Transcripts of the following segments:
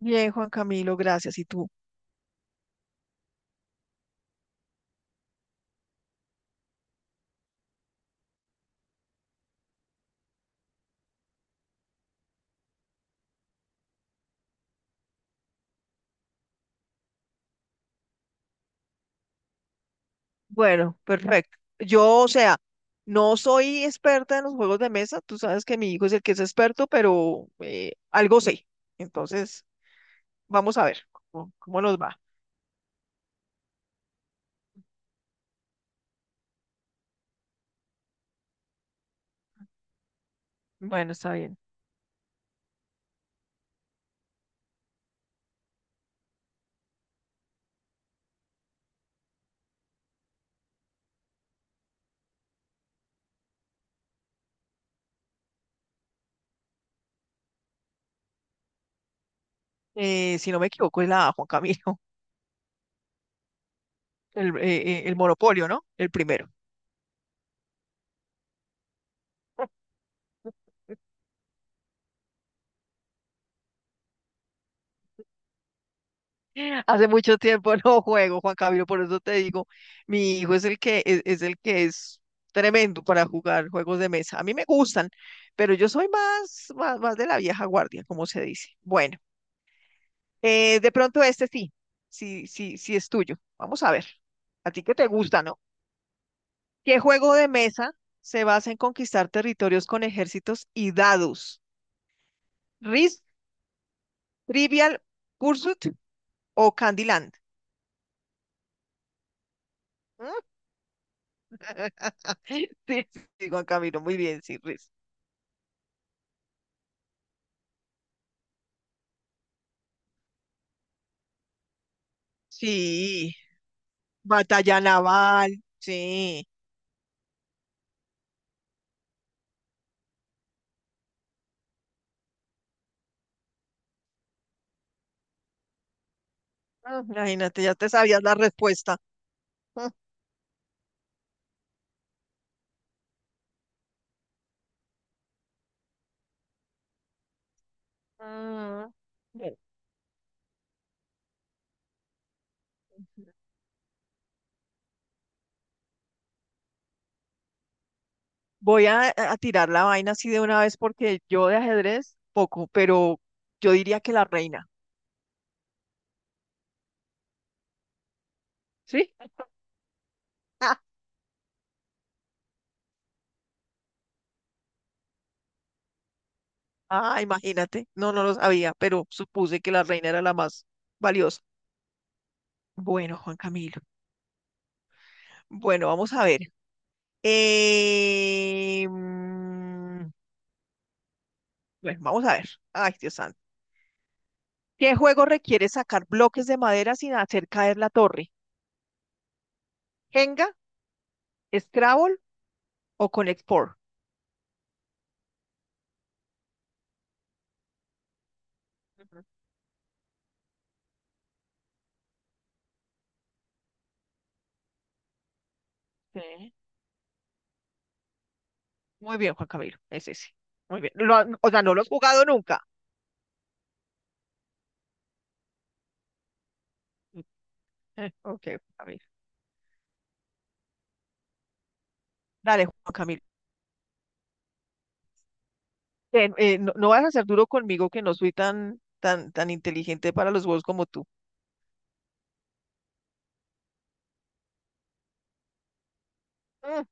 Bien, Juan Camilo, gracias. ¿Y tú? Bueno, perfecto. Yo, o sea, no soy experta en los juegos de mesa. Tú sabes que mi hijo es el que es experto, pero algo sé. Entonces, vamos a ver cómo nos va. Bueno, está bien. Si no me equivoco, es la A, Juan Camilo, el monopolio, ¿no? El primero. Hace mucho tiempo no juego, Juan Camilo, por eso te digo, mi hijo es el que es el que es tremendo para jugar juegos de mesa. A mí me gustan, pero yo soy más de la vieja guardia, como se dice. Bueno, de pronto este sí, sí es tuyo. Vamos a ver. A ti que te gusta, ¿no? ¿Qué juego de mesa se basa en conquistar territorios con ejércitos y dados? ¿Risk, Trivial Pursuit o Candyland? Mm. Sí, sí, Juan Camilo, muy bien, sí, Riz. Sí, batalla naval, sí. Ah, imagínate, ya te sabías la respuesta. Mm. ah, bueno. Voy a tirar la vaina así de una vez porque yo de ajedrez poco, pero yo diría que la reina. ¿Sí? Ah, imagínate. No, no lo sabía, pero supuse que la reina era la más valiosa. Bueno, Juan Camilo. Bueno, vamos a ver. Eh, Bueno, vamos a ver. Ay, Dios santo. ¿Qué juego requiere sacar bloques de madera sin hacer caer la torre? ¿Jenga, Scrabble o Conexport? Ujú. Sí. Muy bien, Juan Camilo. Es ese. Muy bien. O sea, no lo has jugado nunca. Ok, Juan Camilo. Dale, Juan Camilo. No, no vas a ser duro conmigo que no soy tan inteligente para los juegos como tú. Mm.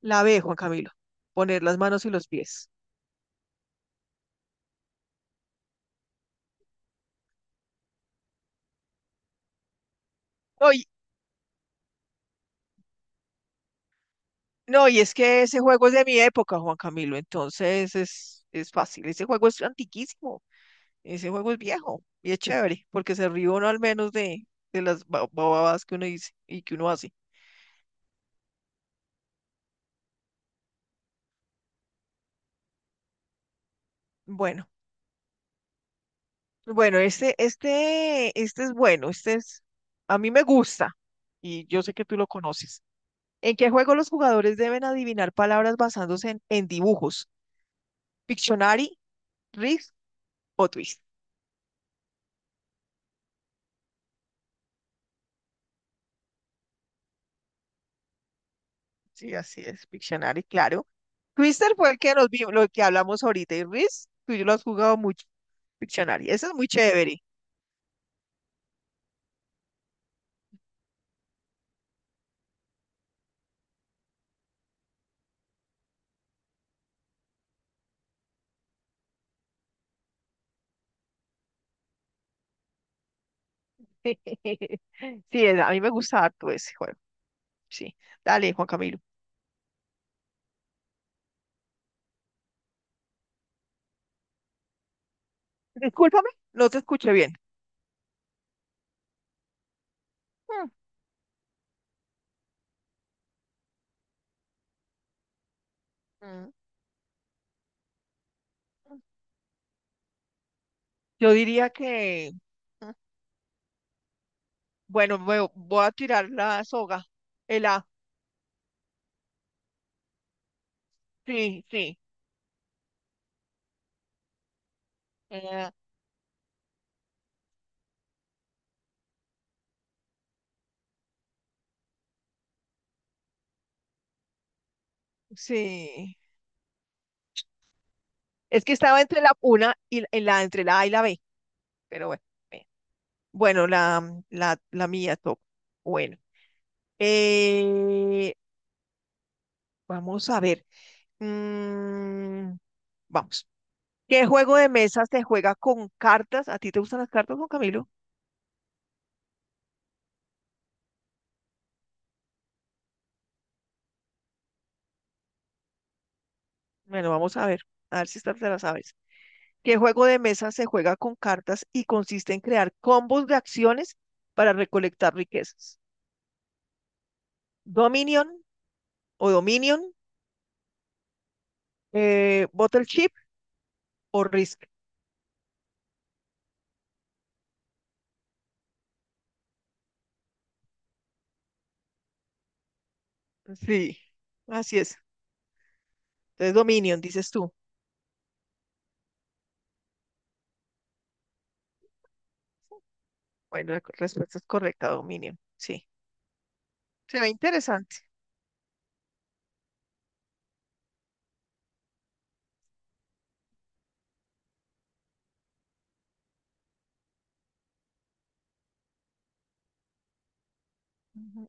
La B, Juan Camilo. Poner las manos y los pies. ¡Ay! No, y es que ese juego es de mi época, Juan Camilo, entonces es fácil. Ese juego es antiquísimo, ese juego es viejo y es chévere, porque se ríe uno al menos de las babadas que uno dice y que uno hace. Bueno, bueno, este es bueno, este es, a mí me gusta y yo sé que tú lo conoces. ¿En qué juego los jugadores deben adivinar palabras basándose en dibujos? ¿Pictionary, Risk o Twist? Sí, así es, Pictionary, claro. Twister fue el que nos vimos, lo que hablamos ahorita, y Risk, tú y yo lo has jugado mucho, Pictionary. Ese es muy chévere. Sí, a mí me gusta harto ese juego. Sí. Dale, Juan Camilo. Discúlpame, no te escuché bien. Mm. Mm. Yo diría que, mm, bueno, me voy a tirar la soga. El A. Sí, sí. Eh, sí. Es que estaba entre la una y entre la A y la B, pero bueno. Bien. Bueno, la, mm, la mía top. Bueno. eh, Vamos a ver. Mm, vamos. ¿Qué juego de mesa se juega con cartas? ¿A ti te gustan las cartas, Juan Camilo? Bueno, vamos a ver. A ver si esta te la sabes. ¿Qué juego de mesa se juega con cartas y consiste en crear combos de acciones para recolectar riquezas? Dominion Dominion, Bottle Chip o Risk. Sí, así es. Entonces Dominion, dices tú. Bueno, la respuesta es correcta, Dominion. Sí, se ve interesante. Ujú.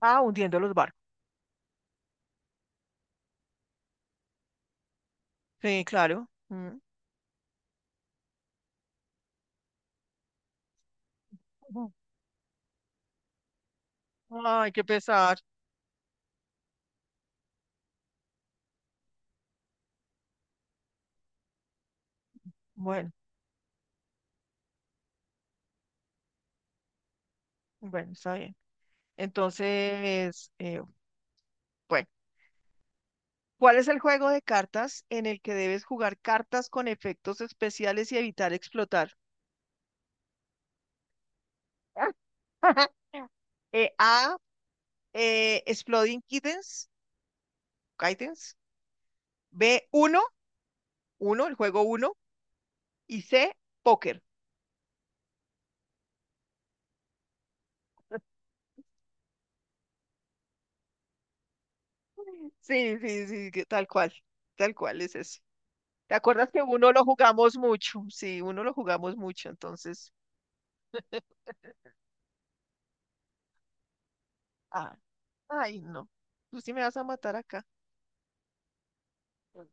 Ah, hundiendo los barcos. Sí, claro. Mm. Ujú. Ay, qué pesar. Bueno, bueno, está bien. Entonces, bueno. ¿Cuál es el juego de cartas en el que debes jugar cartas con efectos especiales y evitar explotar? A, Exploding Kittens, Kittens. B, uno, el juego uno. Y C, Póker. Sí, sí, sí, que tal cual es ese. ¿Te acuerdas que uno lo jugamos mucho? Sí, uno lo jugamos mucho, entonces. Ah, ay, no. Tú sí me vas a matar acá. Ay,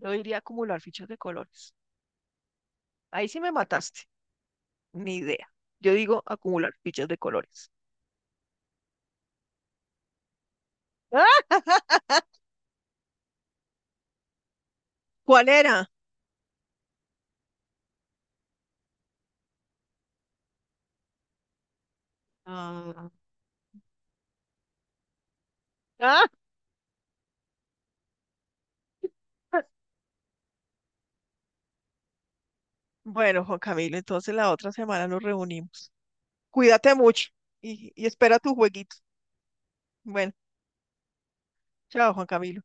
Yo iría a acumular fichas de colores. Ahí sí me mataste. Ni idea. Yo digo acumular fichas de colores. ¡Ah! ¿Cuál era? Ah, ah, Bueno, Juan Camilo, entonces la otra semana nos reunimos. Cuídate mucho y espera tu jueguito. Bueno, chao, Juan Camilo.